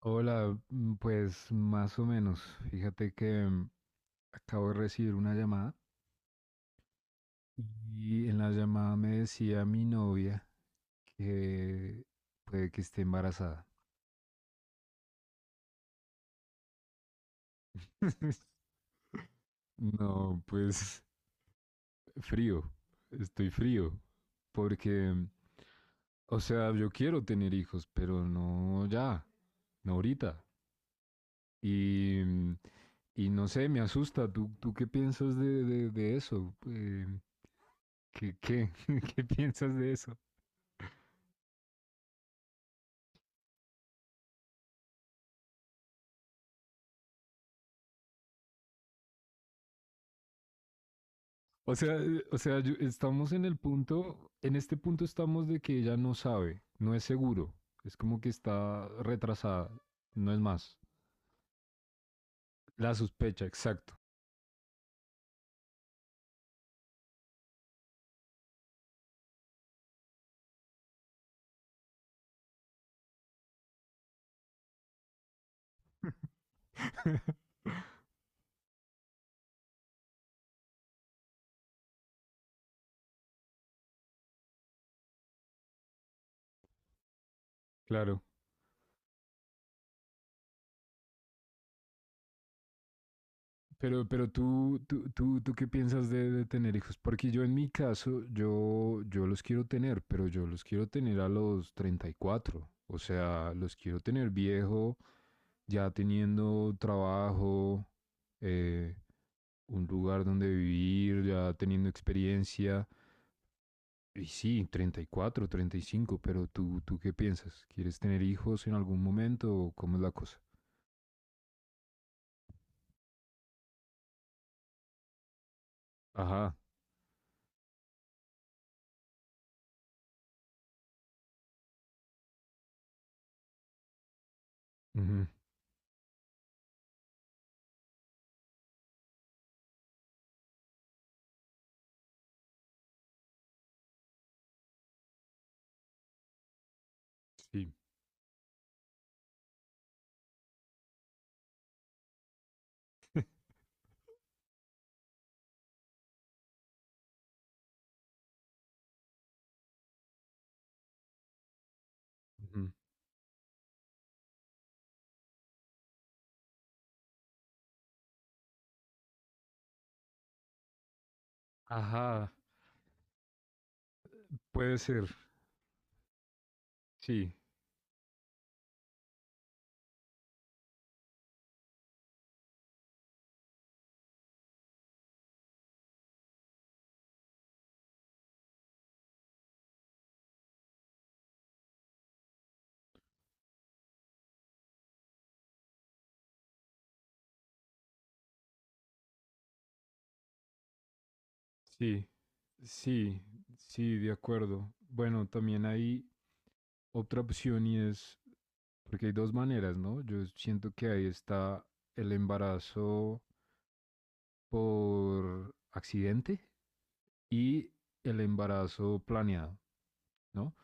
Hola, pues más o menos. Fíjate que acabo de recibir una llamada y en la llamada me decía mi novia que puede que esté embarazada. No, pues frío, estoy frío, porque, o sea, yo quiero tener hijos, pero no ya, no ahorita. Y, mm, y no sé, me asusta. ¿Tú qué piensas de eso? ¿Qué, qué, qué piensas de eso? O sea, estamos en el punto, en este punto estamos de que ella no sabe, no es seguro, es como que está retrasada, no es más. La sospecha, exacto. Claro. Pero tú qué piensas de tener hijos? Porque yo en mi caso, yo los quiero tener, pero yo los quiero tener a los 34. O sea, los quiero tener viejo, ya teniendo trabajo, eh, un lugar donde vivir, ya teniendo experiencia. Y sí, treinta y cuatro, 35. Pero tú, ¿tú qué piensas? ¿Quieres tener hijos en algún momento o cómo es la cosa? Ajá. Ujú, sí. Ujú. Ajá. Puede ser. Sí, sí, sí, sí, de acuerdo. Bueno, también hay otra opción y es, porque hay dos maneras, ¿no? Yo siento que ahí está el embarazo por accidente y el embarazo planeado, ¿no?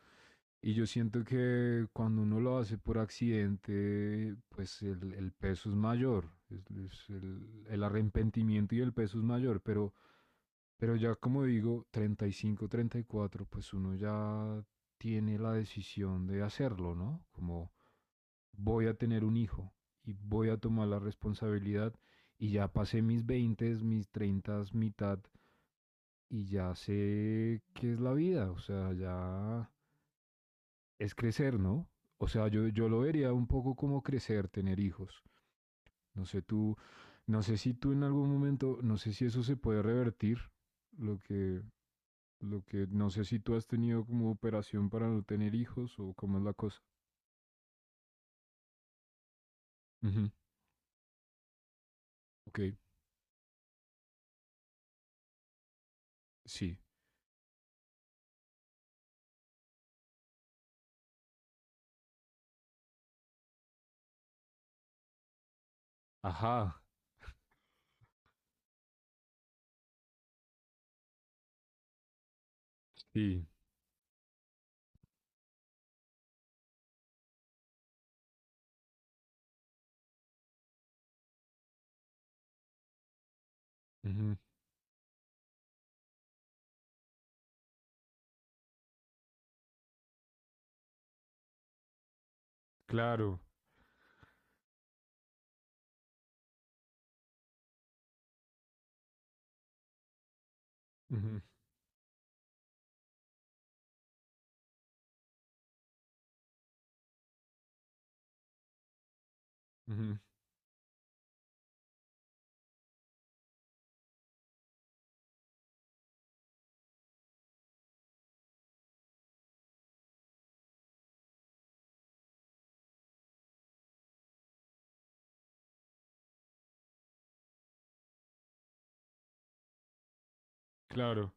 Y yo siento que cuando uno lo hace por accidente, pues el peso es mayor, es el arrepentimiento y el peso es mayor, pero ya como digo, treinta y cinco, 34, pues uno ya tiene la decisión de hacerlo, ¿no? Como voy a tener un hijo y voy a tomar la responsabilidad y ya pasé mis 20, mis 30, mitad y ya sé qué es la vida, o sea, ya es crecer, ¿no? O sea, yo lo vería un poco como crecer, tener hijos. No sé tú, no sé si tú en algún momento, no sé si eso se puede revertir, lo que, no sé si tú has tenido como operación para no tener hijos o cómo es la cosa. Ujú, ok, sí. Ajá, sí. Ujú, claro. Ujú, ujú, claro,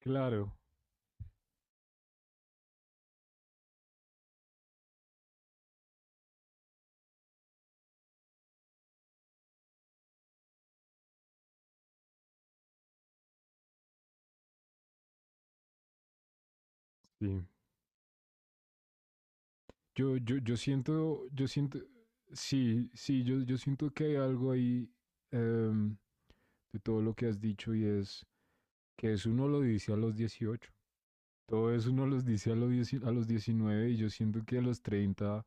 claro. Sí. Yo siento, sí, sí, yo siento que hay algo ahí em, de todo lo que has dicho y es que eso uno lo dice a los 18. Todo eso uno los dice a los 19 y yo siento que a los 30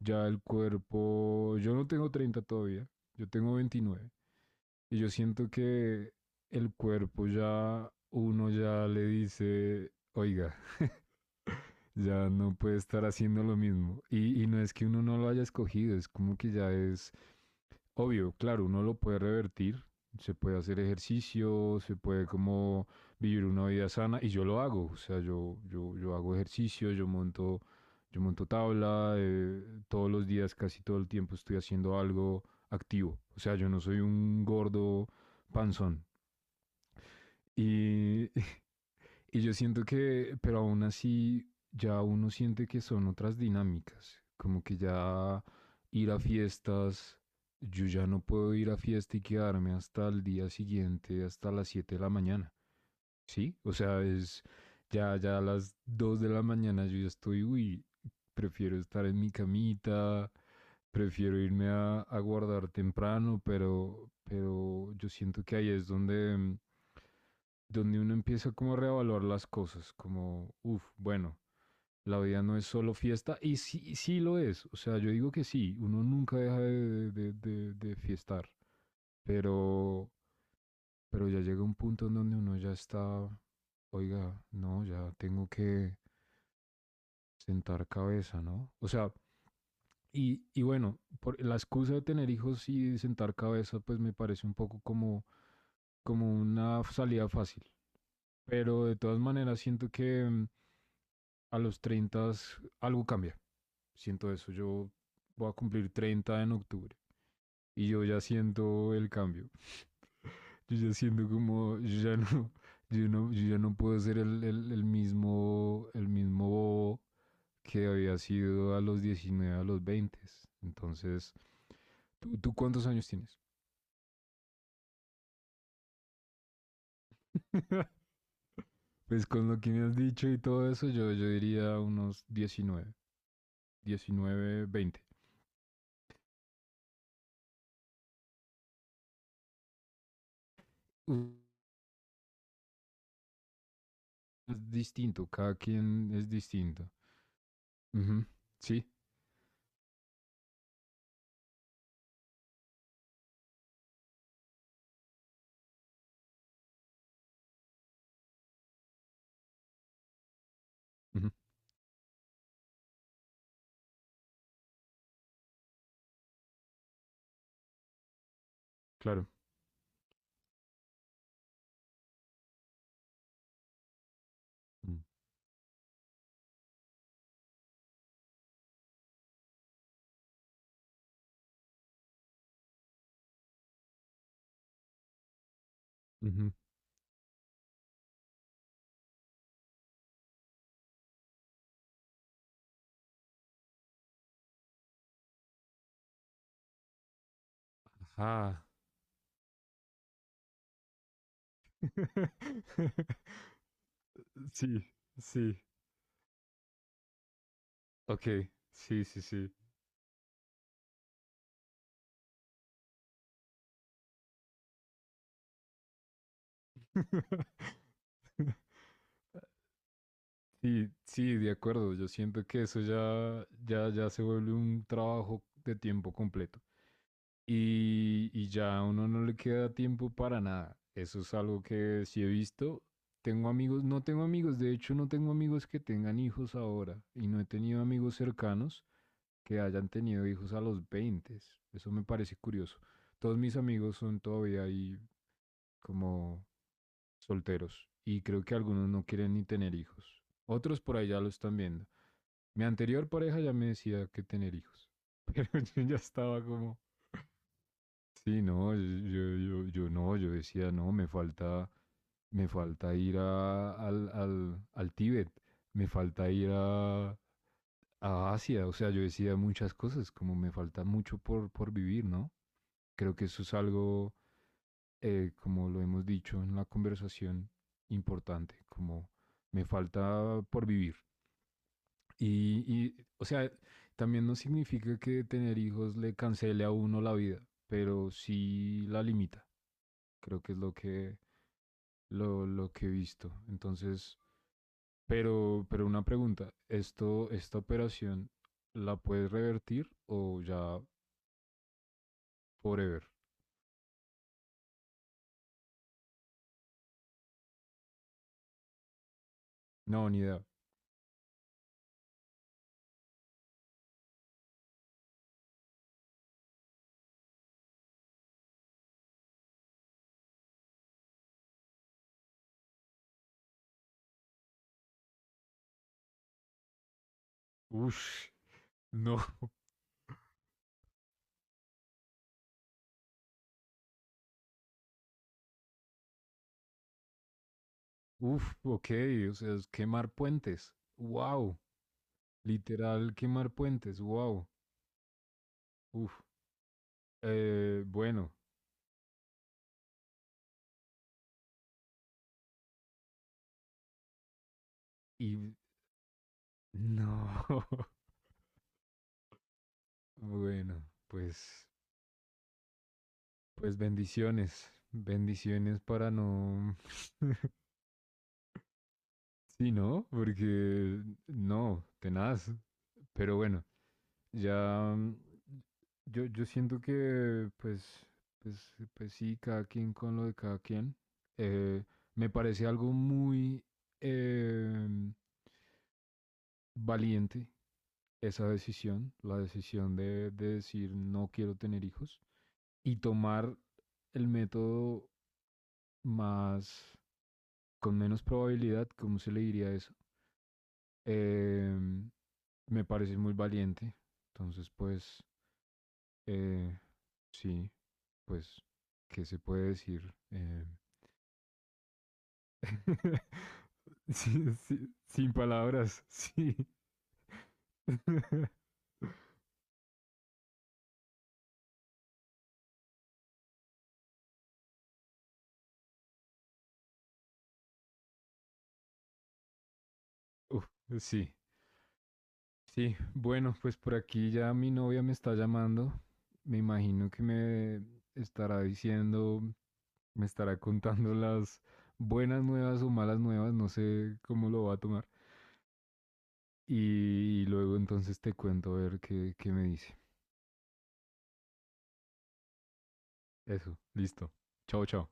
ya el cuerpo, yo no tengo 30 todavía, yo tengo 29 y yo siento que el cuerpo ya, uno ya le dice, oiga, ya no puede estar haciendo lo mismo. Y no es que uno no lo haya escogido, es como que ya es obvio, claro, uno lo puede revertir, se puede hacer ejercicio, se puede como vivir una vida sana y yo lo hago, o sea, yo hago ejercicio, yo monto tabla, todos los días, casi todo el tiempo estoy haciendo algo activo, o sea, yo no soy un gordo panzón. Y, Y yo siento que, pero aún así, ya uno siente que son otras dinámicas, como que ya ir a fiestas, yo ya no puedo ir a fiesta y quedarme hasta el día siguiente, hasta las 7 de la mañana. Sí, o sea, ya a las 2 de la mañana yo ya estoy, uy, prefiero estar en mi camita, prefiero irme a guardar temprano, pero yo siento que ahí es donde, donde uno empieza como a reevaluar las cosas, como, uff, bueno, la vida no es solo fiesta y sí, sí lo es. O sea, yo digo que sí, uno nunca deja de fiestar, pero, pero ya llega un punto en donde uno ya está, oiga, no, ya tengo que sentar cabeza, ¿no? O sea, y bueno, por la excusa de tener hijos y sentar cabeza, pues me parece un poco como una salida fácil. Pero de todas maneras siento que a los 30 algo cambia. Siento eso, yo voy a cumplir 30 en octubre y yo ya siento el cambio. Yo ya siento como, yo ya no, yo ya no puedo ser el mismo, el mismo, bobo que había sido a los 19 a los 20. Entonces, ¿tú cuántos años tienes? Pues con lo que me has dicho y todo eso, yo diría unos diecinueve, 19, 20. Es distinto, cada quien es distinto. Uh -huh. Sí, uh -huh. Claro. Uh -huh. Ajá. Sí, sí. Ok, sí, sí, sí. Sí, sí, de acuerdo. Yo siento que eso ya se vuelve un trabajo de tiempo completo. Y ya a uno no le queda tiempo para nada. Eso es algo que sí he visto. Tengo amigos, no tengo amigos, de hecho no tengo amigos que tengan hijos ahora y no he tenido amigos cercanos que hayan tenido hijos a los 20. Eso me parece curioso. Todos mis amigos son todavía ahí como solteros y creo que algunos no quieren ni tener hijos. Otros por ahí ya lo están viendo. Mi anterior pareja ya me decía que tener hijos, pero yo ya estaba como, sí, no, yo no, yo decía, no, me falta ir al Tíbet, me falta ir a Asia, o sea, yo decía muchas cosas, como me falta mucho por vivir, ¿no? Creo que eso es algo, como lo hemos dicho en la conversación, importante, como me falta por vivir. Y, o sea, también no significa que tener hijos le cancele a uno la vida, pero sí la limita. Creo que es lo que he visto. Entonces, pero una pregunta, esta operación la puedes revertir o ya forever? No, ni idea. Ush, no. Uf, ok, o sea, es quemar puentes. Wow, literal quemar puentes. Wow, uf. Bueno, y no. bueno, pues, pues bendiciones. Bendiciones para no. Sí, ¿no? Porque no, tenaz. Pero bueno, ya yo siento que pues, sí, cada quien con lo de cada quien. Eh, me parece algo muy eh, valiente esa decisión, la decisión de decir no quiero tener hijos y tomar el método más, con menos probabilidad, ¿cómo se le diría eso? Em, Me parece muy valiente. Entonces, pues, eh, sí, pues, ¿qué se puede decir? Sí, sí, sin palabras, sí. Uf, sí, sí. Bueno, pues por aquí ya mi novia me está llamando. Me imagino que me estará diciendo, me estará contando las buenas nuevas o malas nuevas, no sé cómo lo va a tomar. Y luego entonces te cuento a ver qué me dice. Eso, listo. Chao, chao.